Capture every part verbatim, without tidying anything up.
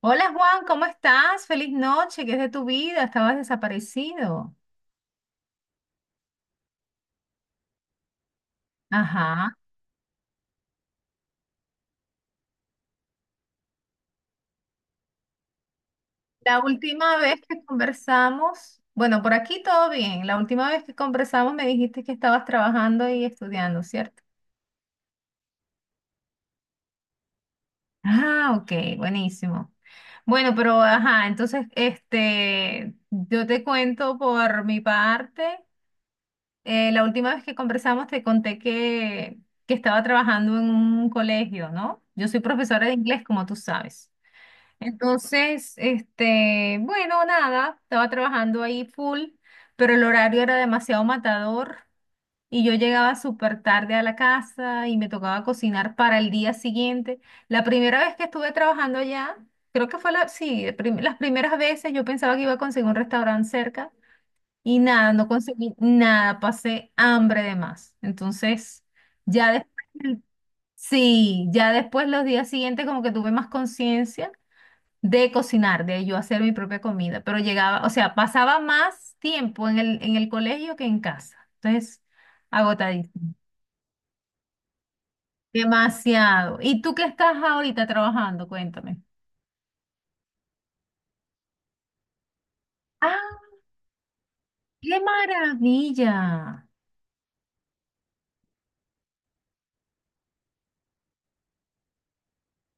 Hola Juan, ¿cómo estás? Feliz noche, ¿qué es de tu vida? Estabas desaparecido. Ajá. La última vez que conversamos, bueno, por aquí todo bien. La última vez que conversamos me dijiste que estabas trabajando y estudiando, ¿cierto? Ah, ok, buenísimo. Bueno, pero ajá, entonces, este, yo te cuento por mi parte. Eh, la última vez que conversamos te conté que, que estaba trabajando en un colegio, ¿no? Yo soy profesora de inglés, como tú sabes. Entonces, este, bueno, nada, estaba trabajando ahí full, pero el horario era demasiado matador y yo llegaba súper tarde a la casa y me tocaba cocinar para el día siguiente. La primera vez que estuve trabajando allá, creo que fue la, sí, el prim- las primeras veces yo pensaba que iba a conseguir un restaurante cerca y nada, no conseguí nada, pasé hambre de más. Entonces, ya después, sí, ya después los días siguientes como que tuve más conciencia de cocinar, de yo hacer mi propia comida, pero llegaba, o sea, pasaba más tiempo en el, en el colegio que en casa. Entonces, agotadísimo. Demasiado. ¿Y tú qué estás ahorita trabajando? Cuéntame. ¡Ah, qué maravilla!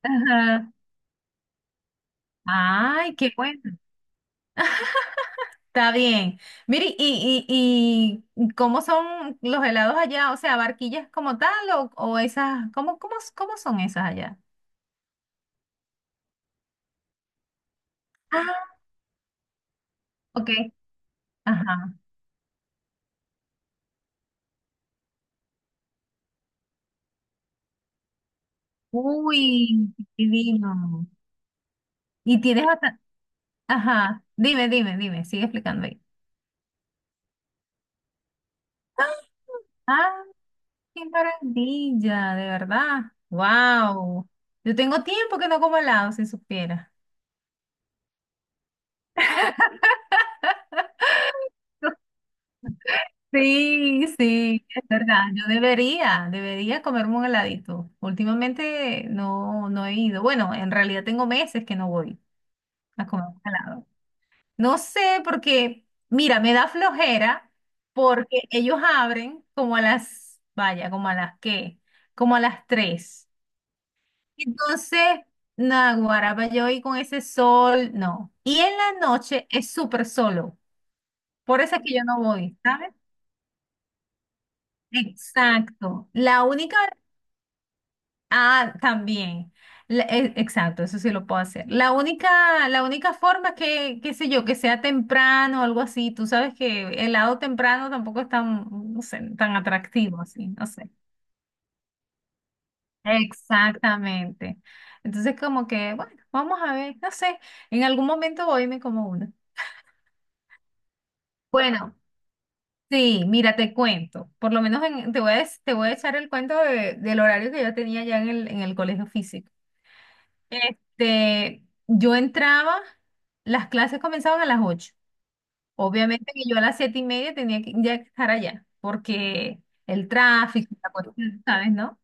Ajá. Ay, qué bueno. Está bien. Mire, ¿y, y, y cómo son los helados allá? O sea, ¿barquillas como tal o, o esas, cómo, cómo, cómo son esas allá? Ah, ok. Ajá. Uy, qué divino. Y tienes bastante... Ajá, dime, dime, dime, sigue explicándome. Ah, qué maravilla, de verdad. Wow. Yo tengo tiempo que no como helado, si supiera. Sí, sí, es verdad. Yo debería, debería comerme un heladito. Últimamente no, no he ido. Bueno, en realidad tengo meses que no voy a comer un helado. No sé, porque, mira, me da flojera porque ellos abren como a las, vaya, como a las qué, como a las tres. Entonces, naguará, para yo ir con ese sol, no. Y en la noche es súper solo. Por eso es que yo no voy, ¿sabes? Exacto. La única... Ah, también. La- e- exacto, eso sí lo puedo hacer. La única, la única forma es que, qué sé yo, que sea temprano o algo así. Tú sabes que el lado temprano tampoco es tan, no sé, tan atractivo así, no sé. Exactamente. Entonces, como que, bueno, vamos a ver, no sé, en algún momento voy y me como uno. Bueno, sí, mira, te cuento. Por lo menos en- te voy a, des- te voy a echar el cuento de- del horario que yo tenía ya en el, en el colegio físico. Este, yo entraba, las clases comenzaban a las ocho. Obviamente que yo a las siete y media tenía que ya estar allá, porque el tráfico, la cuestión, ¿sabes, no?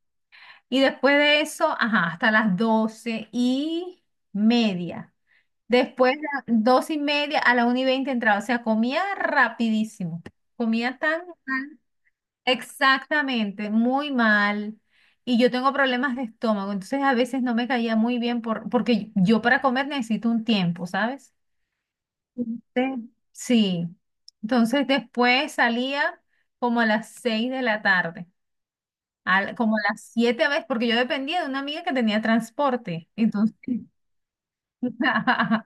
Y después de eso, ajá, hasta las doce y media. Después de las doce y media a la una y veinte entraba, o sea, comía rapidísimo. Comía tan Exactamente, muy mal. Y yo tengo problemas de estómago, entonces a veces no me caía muy bien por, porque yo para comer necesito un tiempo, ¿sabes? Sí. Sí. Entonces después salía como a las seis de la tarde, al- como a las siete a veces, porque yo dependía de una amiga que tenía transporte. Entonces,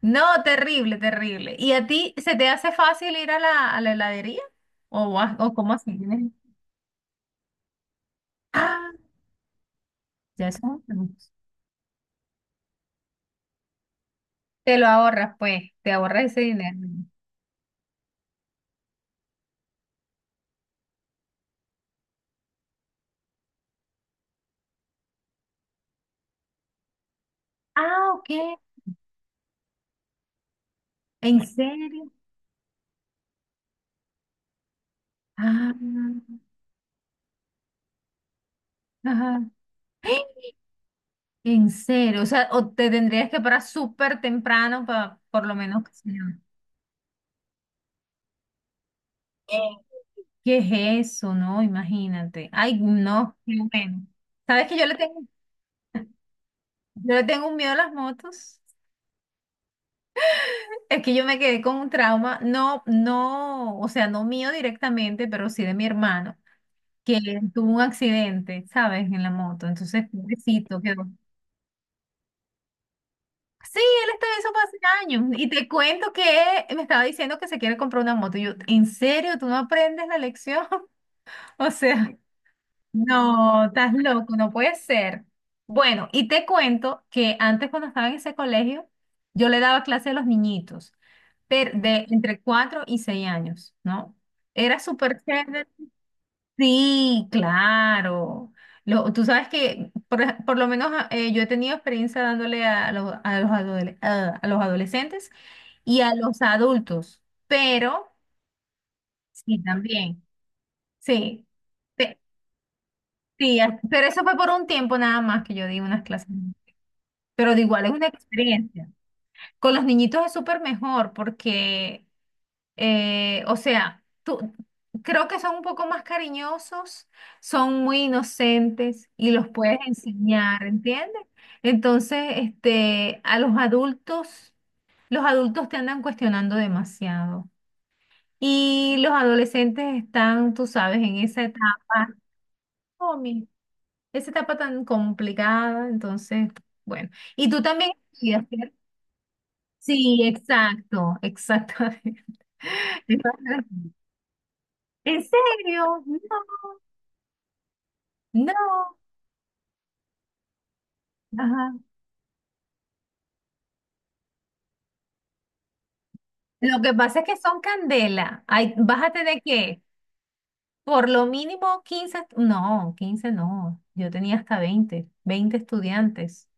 no, terrible, terrible. ¿Y a ti se te hace fácil ir a la, a la heladería? ¿O, vas- o cómo así? ¿Tienes-? Ah, ya eso. Te lo ahorras, pues, te ahorras ese dinero. Ah, ok. ¿En serio? Ah, ajá. En serio. O sea, o te tendrías que parar súper temprano para por lo menos que sea. Eh, ¿Qué es eso? No, imagínate. Ay, no, qué bueno. ¿Sabes que yo le tengo, yo le tengo un miedo a las motos? Es que yo me quedé con un trauma, no, no, o sea, no mío directamente, pero sí de mi hermano, que tuvo un accidente, ¿sabes? En la moto. Entonces, pobrecito, quedó. Sí, él está en eso hace años. Y te cuento que me estaba diciendo que se quiere comprar una moto. Y yo, ¿en serio? ¿Tú no aprendes la lección? O sea, no, estás loco, no puede ser. Bueno, y te cuento que antes cuando estaba en ese colegio, yo le daba clase a los niñitos, pero de entre cuatro y seis años, ¿no? Era súper chévere. Sí, claro. Lo- tú sabes que por, ej- por lo menos ah, eh, yo he tenido experiencia dándole a, los, a, los, adole- a- a los adolescentes y a los adultos, pero sí, también, sí. Pe- sí, ah, pero eso fue por un tiempo nada más que yo di unas clases, pero de igual es una experiencia. Con los niñitos es súper mejor porque Eh, o sea, tú, creo que son un poco más cariñosos, son muy inocentes y los puedes enseñar, ¿entiendes? Entonces, este, a los adultos, los adultos te andan cuestionando demasiado. Y los adolescentes están, tú sabes, en esa etapa, oh, mi- esa etapa tan complicada, entonces, bueno. Y tú también estudias, ¿cierto? Sí, exacto, exacto. ¿En serio? No. No. Ajá. Lo que pasa es que son candela. Ay, bájate de qué. Por lo mínimo quince, no, quince no. Yo tenía hasta veinte, veinte estudiantes,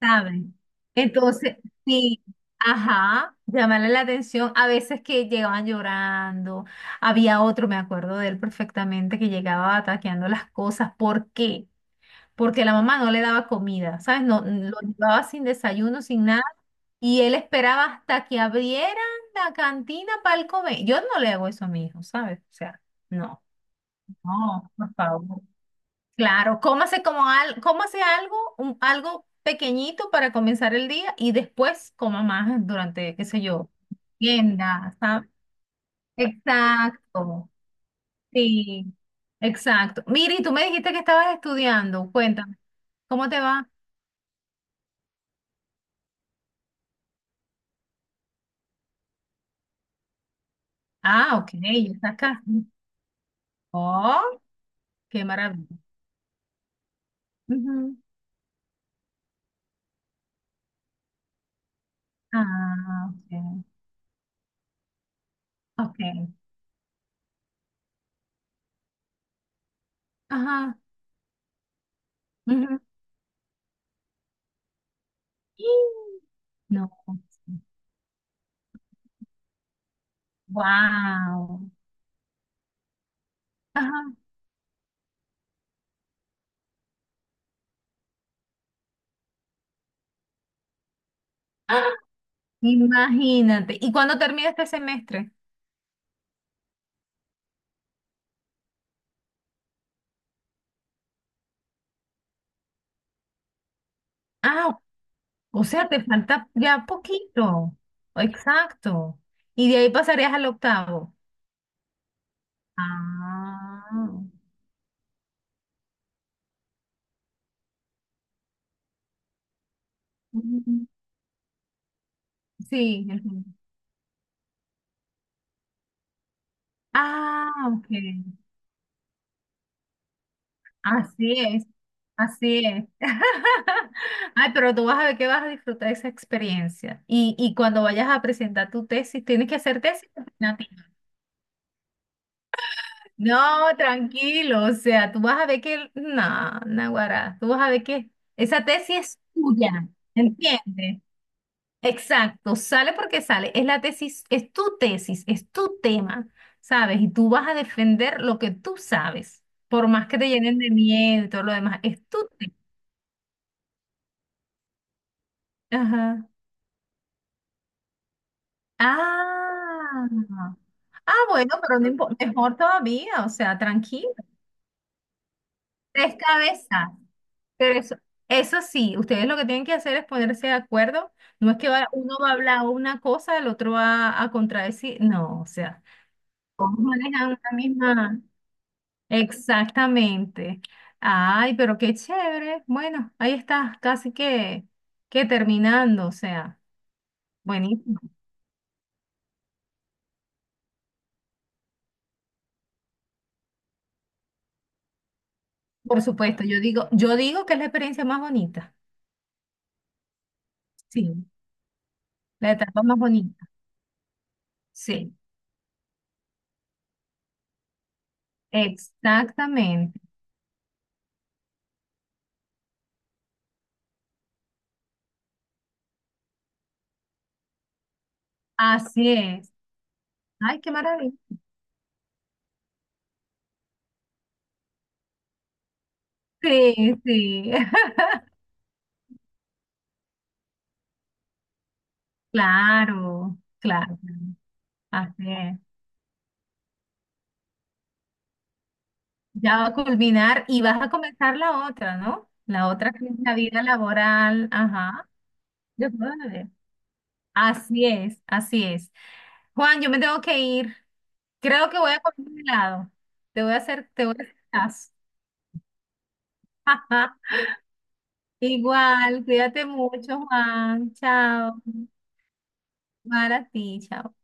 ¿saben? Entonces, sí, ajá, llamarle la atención. A veces que llegaban llorando. Había otro, me acuerdo de él perfectamente, que llegaba ataqueando las cosas. ¿Por qué? Porque la mamá no le daba comida, ¿sabes? No, lo llevaba sin desayuno, sin nada. Y él esperaba hasta que abrieran la cantina para el comer. Yo no le hago eso a mi hijo, ¿sabes? O sea, no. No, por favor. Claro, cómase como al, cómase algo, un- algo pequeñito para comenzar el día y después coma más durante, qué sé yo, tienda, ¿sabes? Exacto, sí, exacto. Miri, tú me dijiste que estabas estudiando, cuéntame, ¿cómo te va? Ah, ok, ya estás acá. Oh, qué maravilla. Ah, ok. Ok. Ajá. Ujú. Y- No. Wow. Ajá. ¡Ah! Imagínate. ¿Y cuándo termina este semestre? Ah, o sea, te falta ya poquito. Exacto. Y de ahí pasarías al octavo. Ah. Ujú. Sí. El fin. Ah, ok. Así es, así es. Ay, pero tú vas a ver que vas a disfrutar esa experiencia. Y, y cuando vayas a presentar tu tesis, tienes que hacer tesis alternativa. No, tranquilo, o sea, tú vas a ver que, no, Naguará, tú vas a ver que esa tesis es tuya, ¿entiendes? Exacto, sale porque sale, es la tesis, es tu tesis, es tu tema, ¿sabes? Y tú vas a defender lo que tú sabes, por más que te llenen de miedo y todo lo demás, es tu tesis. Ajá. Ah, ah, bueno, pero no impo- mejor todavía, o sea, tranquilo. Tres cabezas. Pero eso, eso sí, ustedes lo que tienen que hacer es ponerse de acuerdo. No es que va- uno va a hablar una cosa, el otro va a contradecir. No, o sea, todos manejan una misma. Exactamente. Ay, pero qué chévere. Bueno, ahí está, casi que, que terminando, o sea, buenísimo. Por supuesto, yo digo, yo digo que es la experiencia más bonita. Sí. La etapa más bonita. Sí, exactamente. Así es. Ay, qué maravilla. Sí, sí. Claro, claro. Así es. Ya va a culminar y vas a comenzar la otra, ¿no? La otra que es la vida laboral. Ajá. Yo puedo ver. Así es, así es. Juan, yo me tengo que ir. Creo que voy a comer un helado. Te voy a hacer, te voy a hacer caso. Igual, cuídate mucho, Juan. Chao. Para ti, chao.